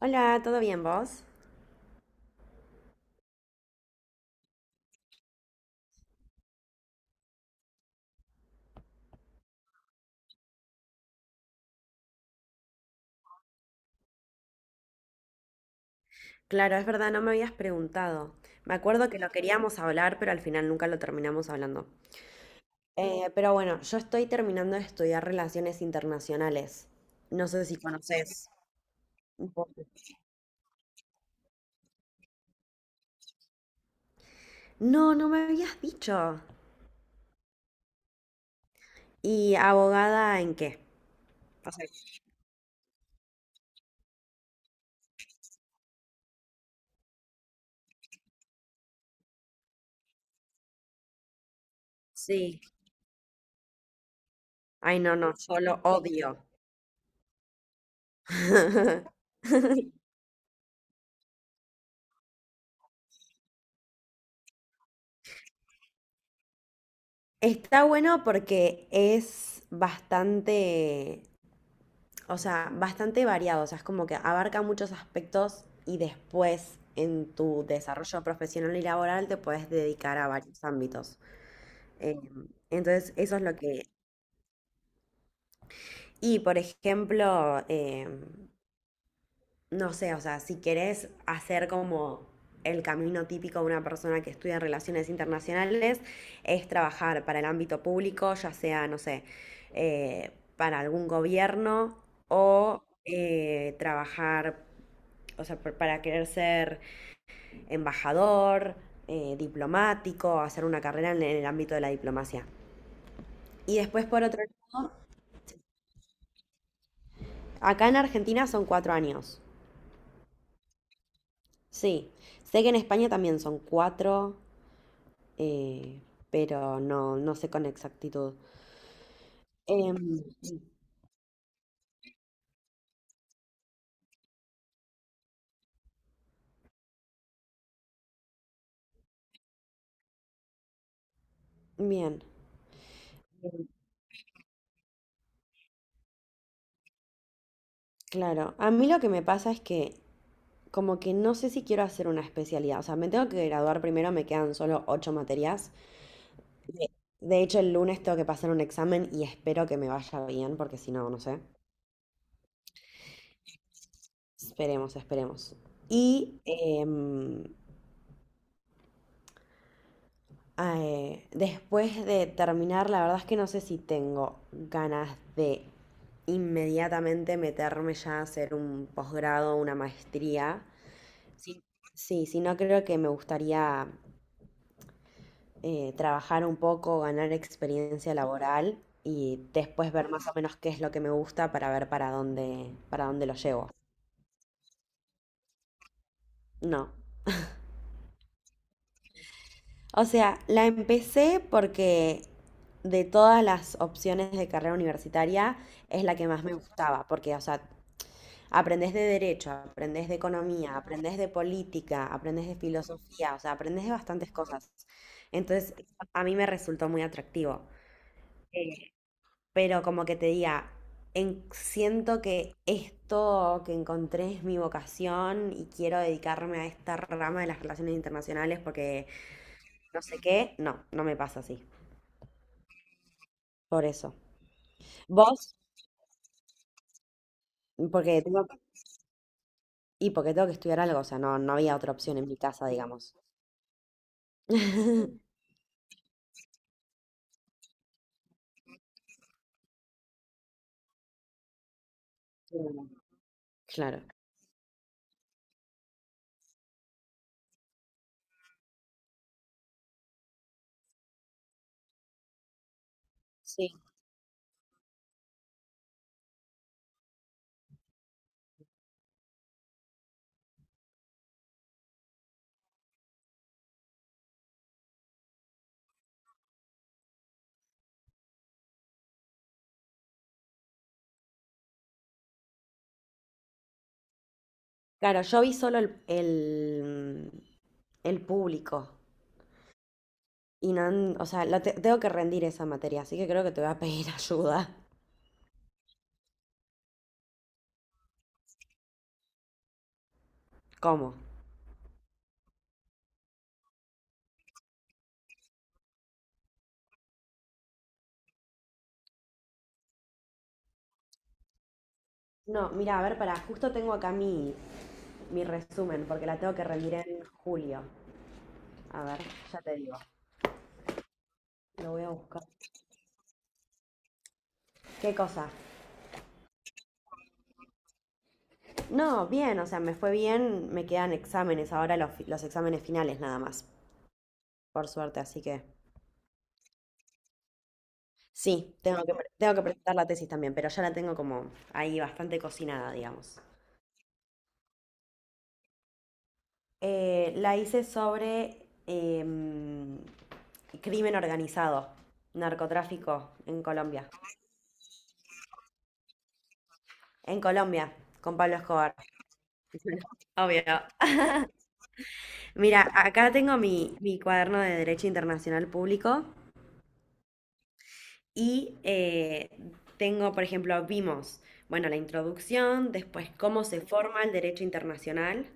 Hola, ¿todo bien vos? Claro, es verdad, no me habías preguntado. Me acuerdo que lo queríamos hablar, pero al final nunca lo terminamos hablando. Pero yo estoy terminando de estudiar relaciones internacionales. No sé si conoces. No, no me habías dicho. ¿Y abogada en qué? Ay, no, no, yo lo odio. Está bueno porque es bastante variado, o sea, es como que abarca muchos aspectos y después en tu desarrollo profesional y laboral te puedes dedicar a varios ámbitos. Eh, entonces, eso es lo que... Y, por ejemplo, no sé, o sea, si querés hacer como el camino típico de una persona que estudia relaciones internacionales, es trabajar para el ámbito público, ya sea, no sé, eh, para algún gobierno o trabajar, o sea, para querer ser embajador, diplomático, hacer una carrera en el ámbito de la diplomacia. Y después por otro, acá en Argentina son 4 años. Sí, sé que en España también son cuatro, eh, pero no, no sé con exactitud. Em, bien, claro. A mí lo que me pasa es que como que no sé si quiero hacer una especialidad. O sea, me tengo que graduar primero, me quedan solo ocho materias. De, de hecho, el lunes tengo que pasar un examen y espero que me vaya bien, porque si no, no sé. Esperemos, esperemos. Y em, Después de terminar, la verdad es que no sé si tengo ganas de inmediatamente meterme ya a hacer un posgrado, una maestría. Sí. Sí, sí, no creo que me gustaría trabajar un poco, ganar experiencia laboral y después ver más o menos qué es lo que me gusta para ver para dónde lo llevo. No. O sea, la empecé porque de todas las opciones de carrera universitaria es la que más me gustaba, porque, o sea, aprendes de derecho, aprendes de economía, aprendes de política, aprendes de filosofía, o sea, aprendes de bastantes cosas. Entonces, a mí me resultó muy atractivo. Pero como que te diga, siento que esto que encontré es mi vocación y quiero dedicarme a esta rama de las relaciones internacionales porque no sé qué, no, no me pasa así. Por eso. Vos, porque tengo, y porque tengo que estudiar algo, o sea, no, no había otra opción en mi casa, digamos. Claro. Claro, yo vi solo el público y no, o sea, la tengo que rendir esa materia, así que creo que te voy a pedir ayuda. ¿Cómo? No, mira, a ver, para, justo tengo acá mi resumen, porque la tengo que rendir en julio. A ver, ya te digo, lo voy a buscar. ¿Qué cosa? No, bien, o sea, me fue bien, me quedan exámenes, ahora los, los exámenes finales nada más, por suerte, así que sí, tengo que, tengo que presentar la tesis también, pero ya la tengo como ahí bastante cocinada, digamos. La hice sobre em, crimen organizado, narcotráfico en Colombia. En Colombia, con Pablo Escobar. Obvio. Mira, acá tengo mi cuaderno de Derecho Internacional Público y tengo, por ejemplo, vimos, bueno, la introducción, después cómo se forma el derecho internacional,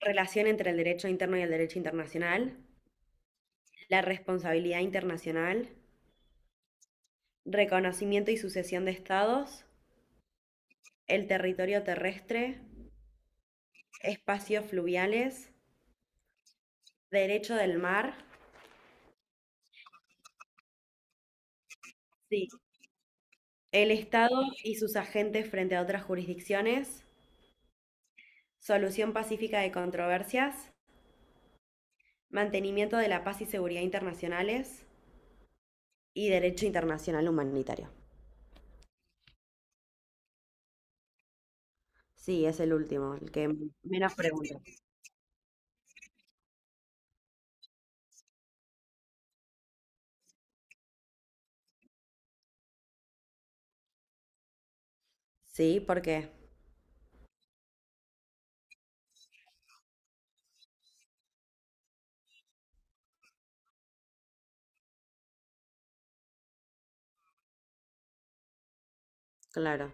relación entre el derecho interno y el derecho internacional, la responsabilidad internacional, reconocimiento y sucesión de estados, el territorio terrestre, espacios fluviales, derecho del mar, sí, el Estado y sus agentes frente a otras jurisdicciones, solución pacífica de controversias, mantenimiento de la paz y seguridad internacionales y derecho internacional humanitario. Sí, es el último, el que menos preguntas. Sí, ¿por qué? Claro.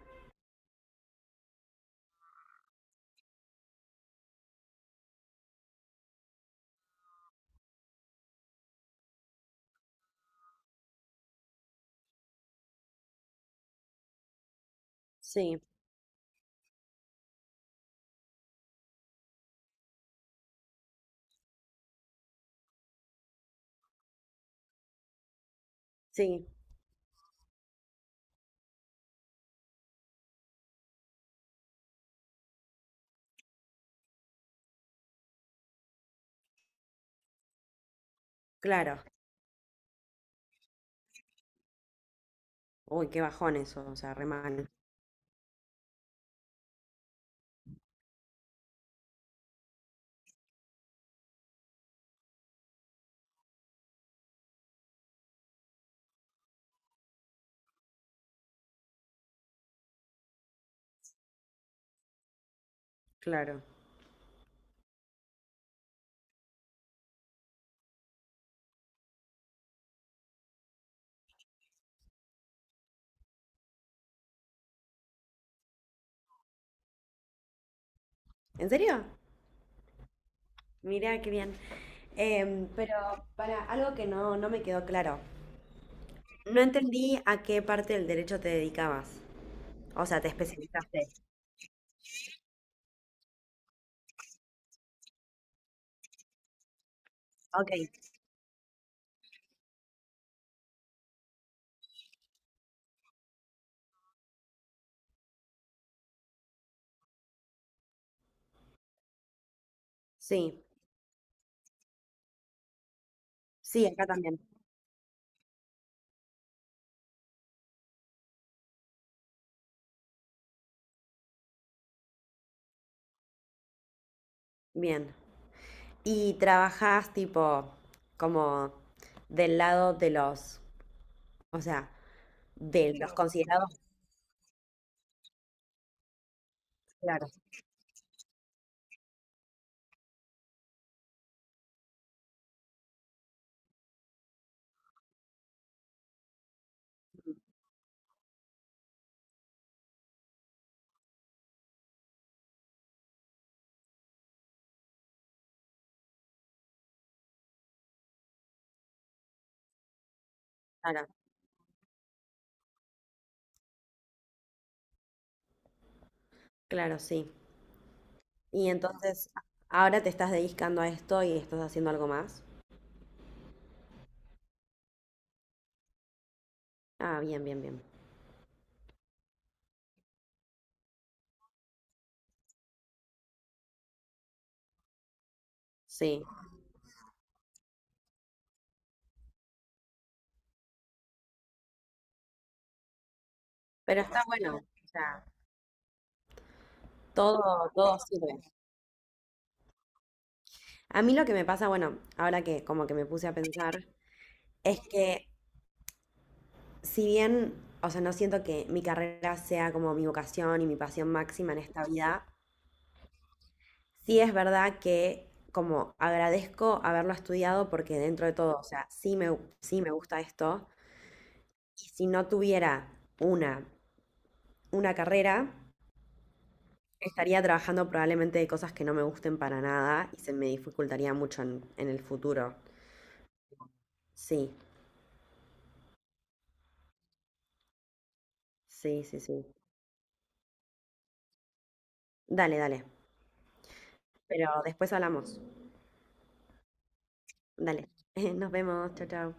Sí, sí, claro. Uy, qué bajón eso, o sea, re mal. Claro. ¿En serio? Mira, qué bien. Pero para algo que no, no me quedó claro. No entendí a qué parte del derecho te dedicabas. O sea, te especializaste. Ok. Sí, sí, acá también. Bien. Y trabajas tipo como del lado de los, o sea, de los considerados. Claro, claro, claro, sí. Y entonces, ahora te estás dedicando a esto y estás haciendo algo más. Ah, bien, bien, bien. Sí. Pero está bueno. Todo, todo sirve. A mí lo que me pasa, bueno, ahora que como que me puse a pensar, es que si bien, o sea, no siento que mi carrera sea como mi vocación y mi pasión máxima en esta vida, sí es verdad que como agradezco haberlo estudiado porque dentro de todo, o sea, sí me gusta esto. Y si no tuviera una, una carrera, estaría trabajando probablemente de cosas que no me gusten para nada y se me dificultaría mucho en el futuro. Sí, sí, sí, sí. Dale, dale. Pero después hablamos. Dale. Nos vemos. Chao, chao.